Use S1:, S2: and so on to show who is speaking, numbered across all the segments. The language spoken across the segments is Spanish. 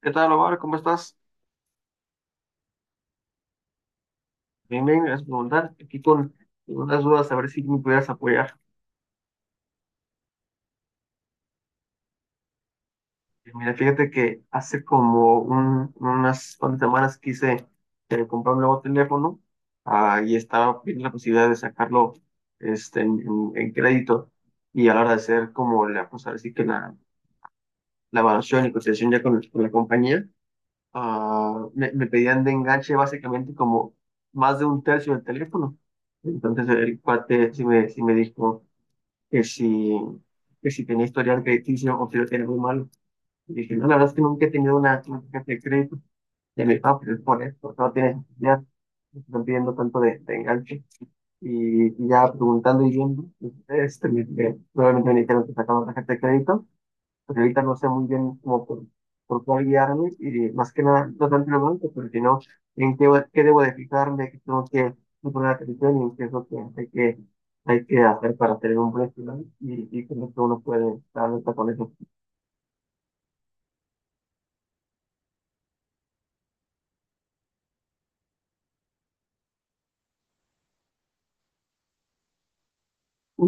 S1: ¿Qué tal, Omar? ¿Cómo estás? Bien, bien, gracias por preguntar. Aquí con unas dudas, a ver si me pudieras apoyar. Mira, fíjate que hace como unas cuantas semanas quise comprar un nuevo teléfono, y estaba viendo la posibilidad de sacarlo, este, en crédito, y a la hora de hacer como la, pues ahora sí que la evaluación y cotización ya con la compañía, me pedían de enganche básicamente como más de un tercio del teléfono. Entonces el cuate sí me dijo que si, que si tenía historial crediticio o si lo tenía muy mal. Y dije, no, la verdad es que nunca he tenido una tarjeta de crédito de mi papá, pero es por esto, no tienes ya, no te están pidiendo tanto de enganche. Y ya preguntando y viendo, este, nuevamente me dijeron que sacaba tarjeta de crédito, pero ahorita no sé muy bien cómo por cuál guiarme, y más que nada, no tanto en el banco, pero sino en qué debo de fijarme, qué tengo que poner atención y en qué es lo que hay que hacer para tener un buen plan. Y creo que uno puede estar alerta con eso.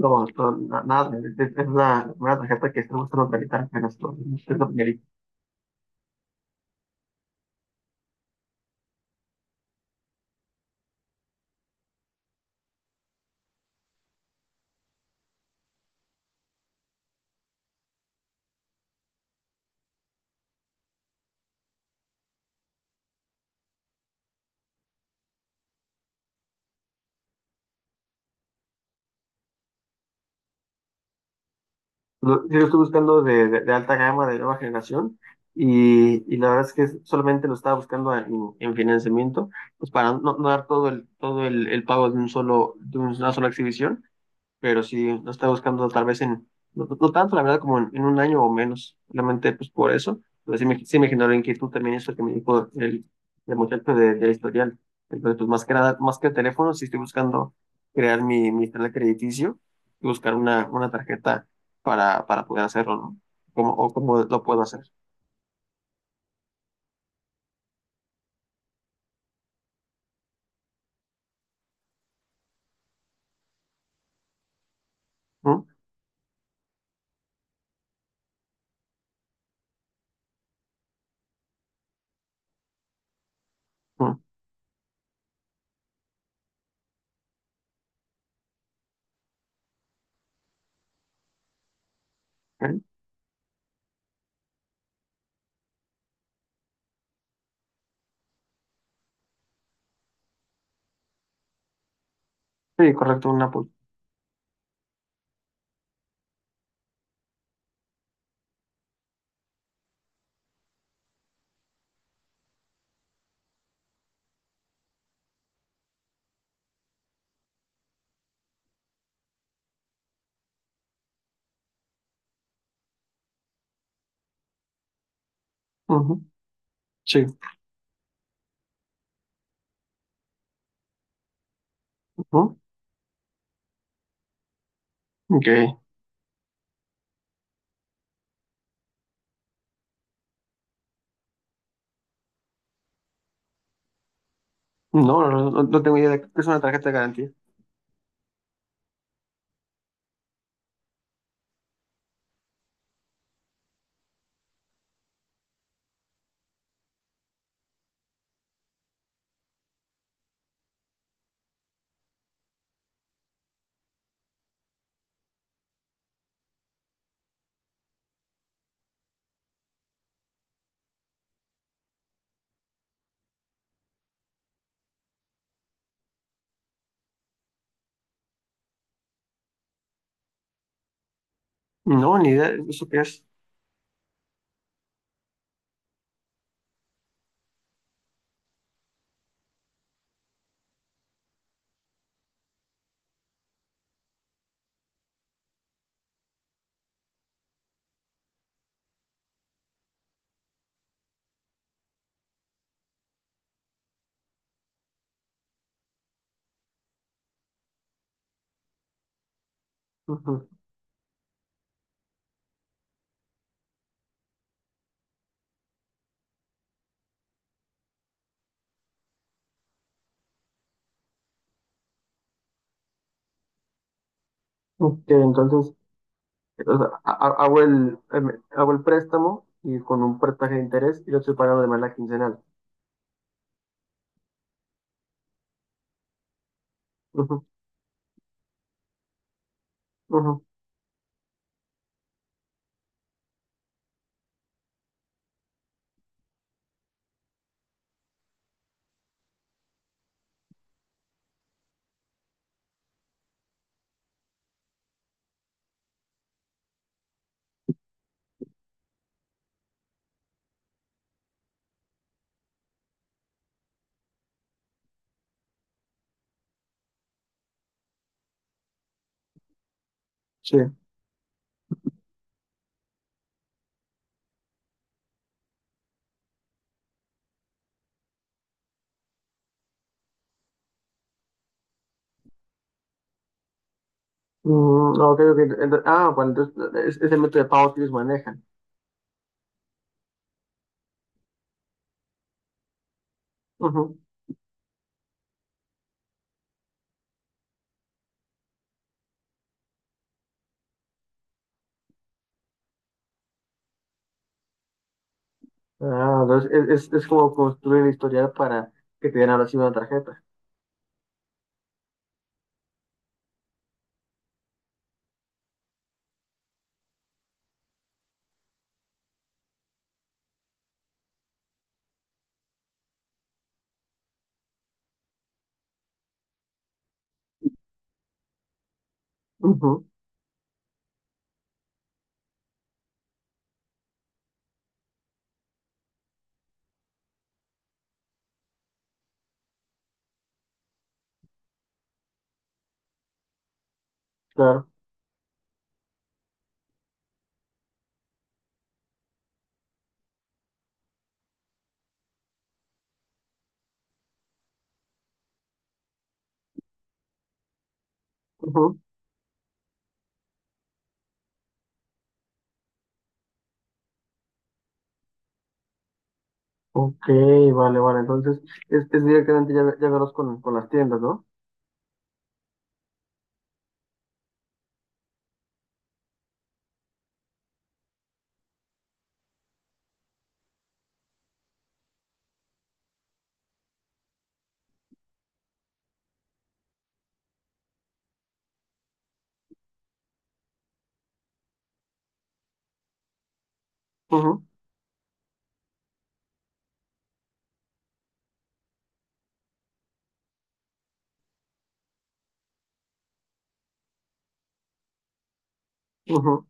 S1: No, no, nada, es la primera tarjeta que estamos tratando de realizar, pero esto es lo que... Yo lo estoy buscando de, de alta gama, de nueva generación, y la verdad es que solamente lo estaba buscando en financiamiento, pues para no, no dar todo el pago de un solo, de una sola exhibición, pero sí lo está buscando tal vez en... no, no tanto la verdad, como en un año o menos, solamente pues por eso. Pero sí me generó inquietud también eso que me dijo el muchacho de, del historial. Entonces, pues más que nada, más que el teléfono, sí estoy buscando crear mi historial crediticio y buscar una tarjeta para poder hacerlo, ¿no? Como, o cómo lo puedo hacer. ¿No? ¿No? Ok. Sí, correcto, una Apple. Ujú. Sí, ujú. Ok. No, no, no, no tengo idea de qué es una tarjeta de garantía. No, ni idea de eso qué es. Ujú. Ok, entonces, o sea, hago el, em, hago el préstamo y con un porcentaje de interés, y lo estoy pagando de manera quincenal. Ujú, ujú. Sí. Mm, ok, ok. Bueno, entonces es el método de pago que ellos manejan. Ujú. Ah, entonces es, es como construir el historial para que te den ahora sí una tarjeta. Ujú, claro. Ujú. Ok, vale, vale. Entonces es directamente ya, ya verlos con las tiendas, ¿no? Ujú, ujú,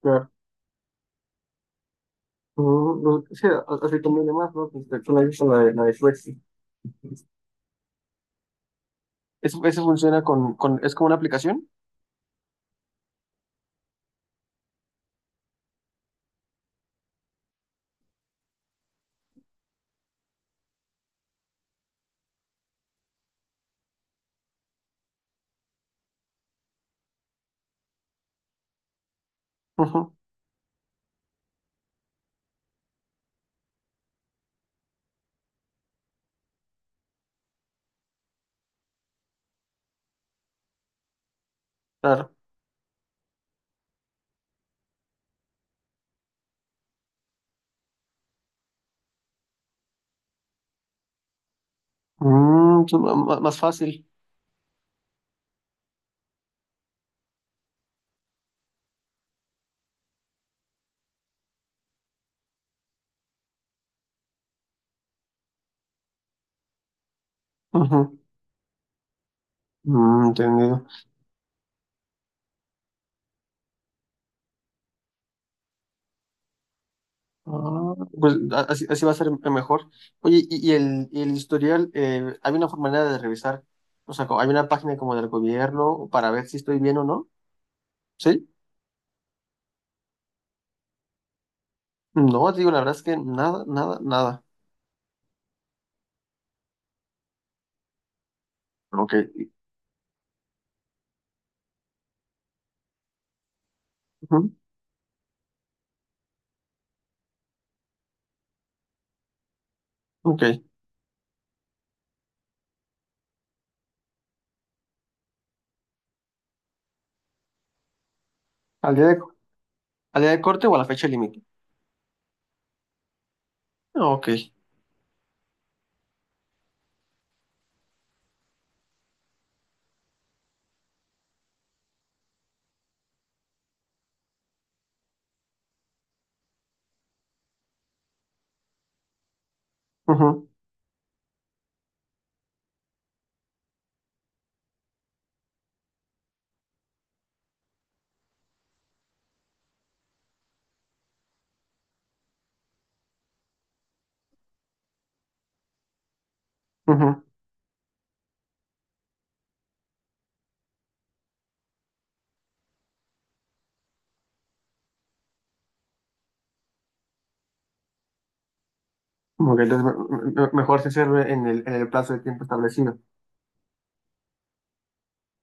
S1: claro. Mm, no, sí, así conviene más, ¿no? Pues, de hecho, no he visto la de Flexi. ¿Eso, eso funciona es como una aplicación? Ujú, claro. Mm, sí, más fácil. Ujú. Mm, entendido. Ah, pues así, así va a ser mejor. Oye, y el historial, ¿hay una forma manera de revisar? O sea, ¿hay una página como del gobierno para ver si estoy bien o no? ¿Sí? No, te digo, la verdad es que nada, nada, nada. Ok. Ujú. Ok. ¿Al día de, al día de corte o a la fecha límite? Ok. Ujú. Ujú. Ok, entonces mejor se sirve en el plazo de tiempo establecido.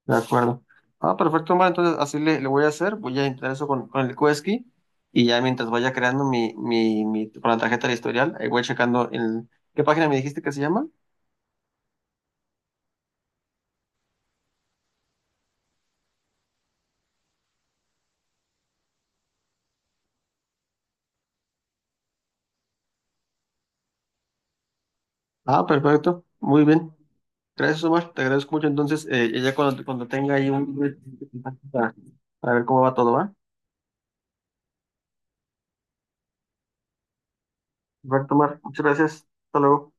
S1: De acuerdo. Ah, perfecto, Omar. Entonces así le, le voy a hacer. Voy a entrar eso con el Quesky, y ya mientras vaya creando mi, con la tarjeta de historial, ahí voy checando el... ¿Qué página me dijiste que se llama? Ah, perfecto. Muy bien. Gracias, Omar. Te agradezco mucho. Entonces, ya cuando, cuando tenga ahí un... para para ver cómo va todo, ¿va? Perfecto, Omar. Muchas gracias. Hasta luego.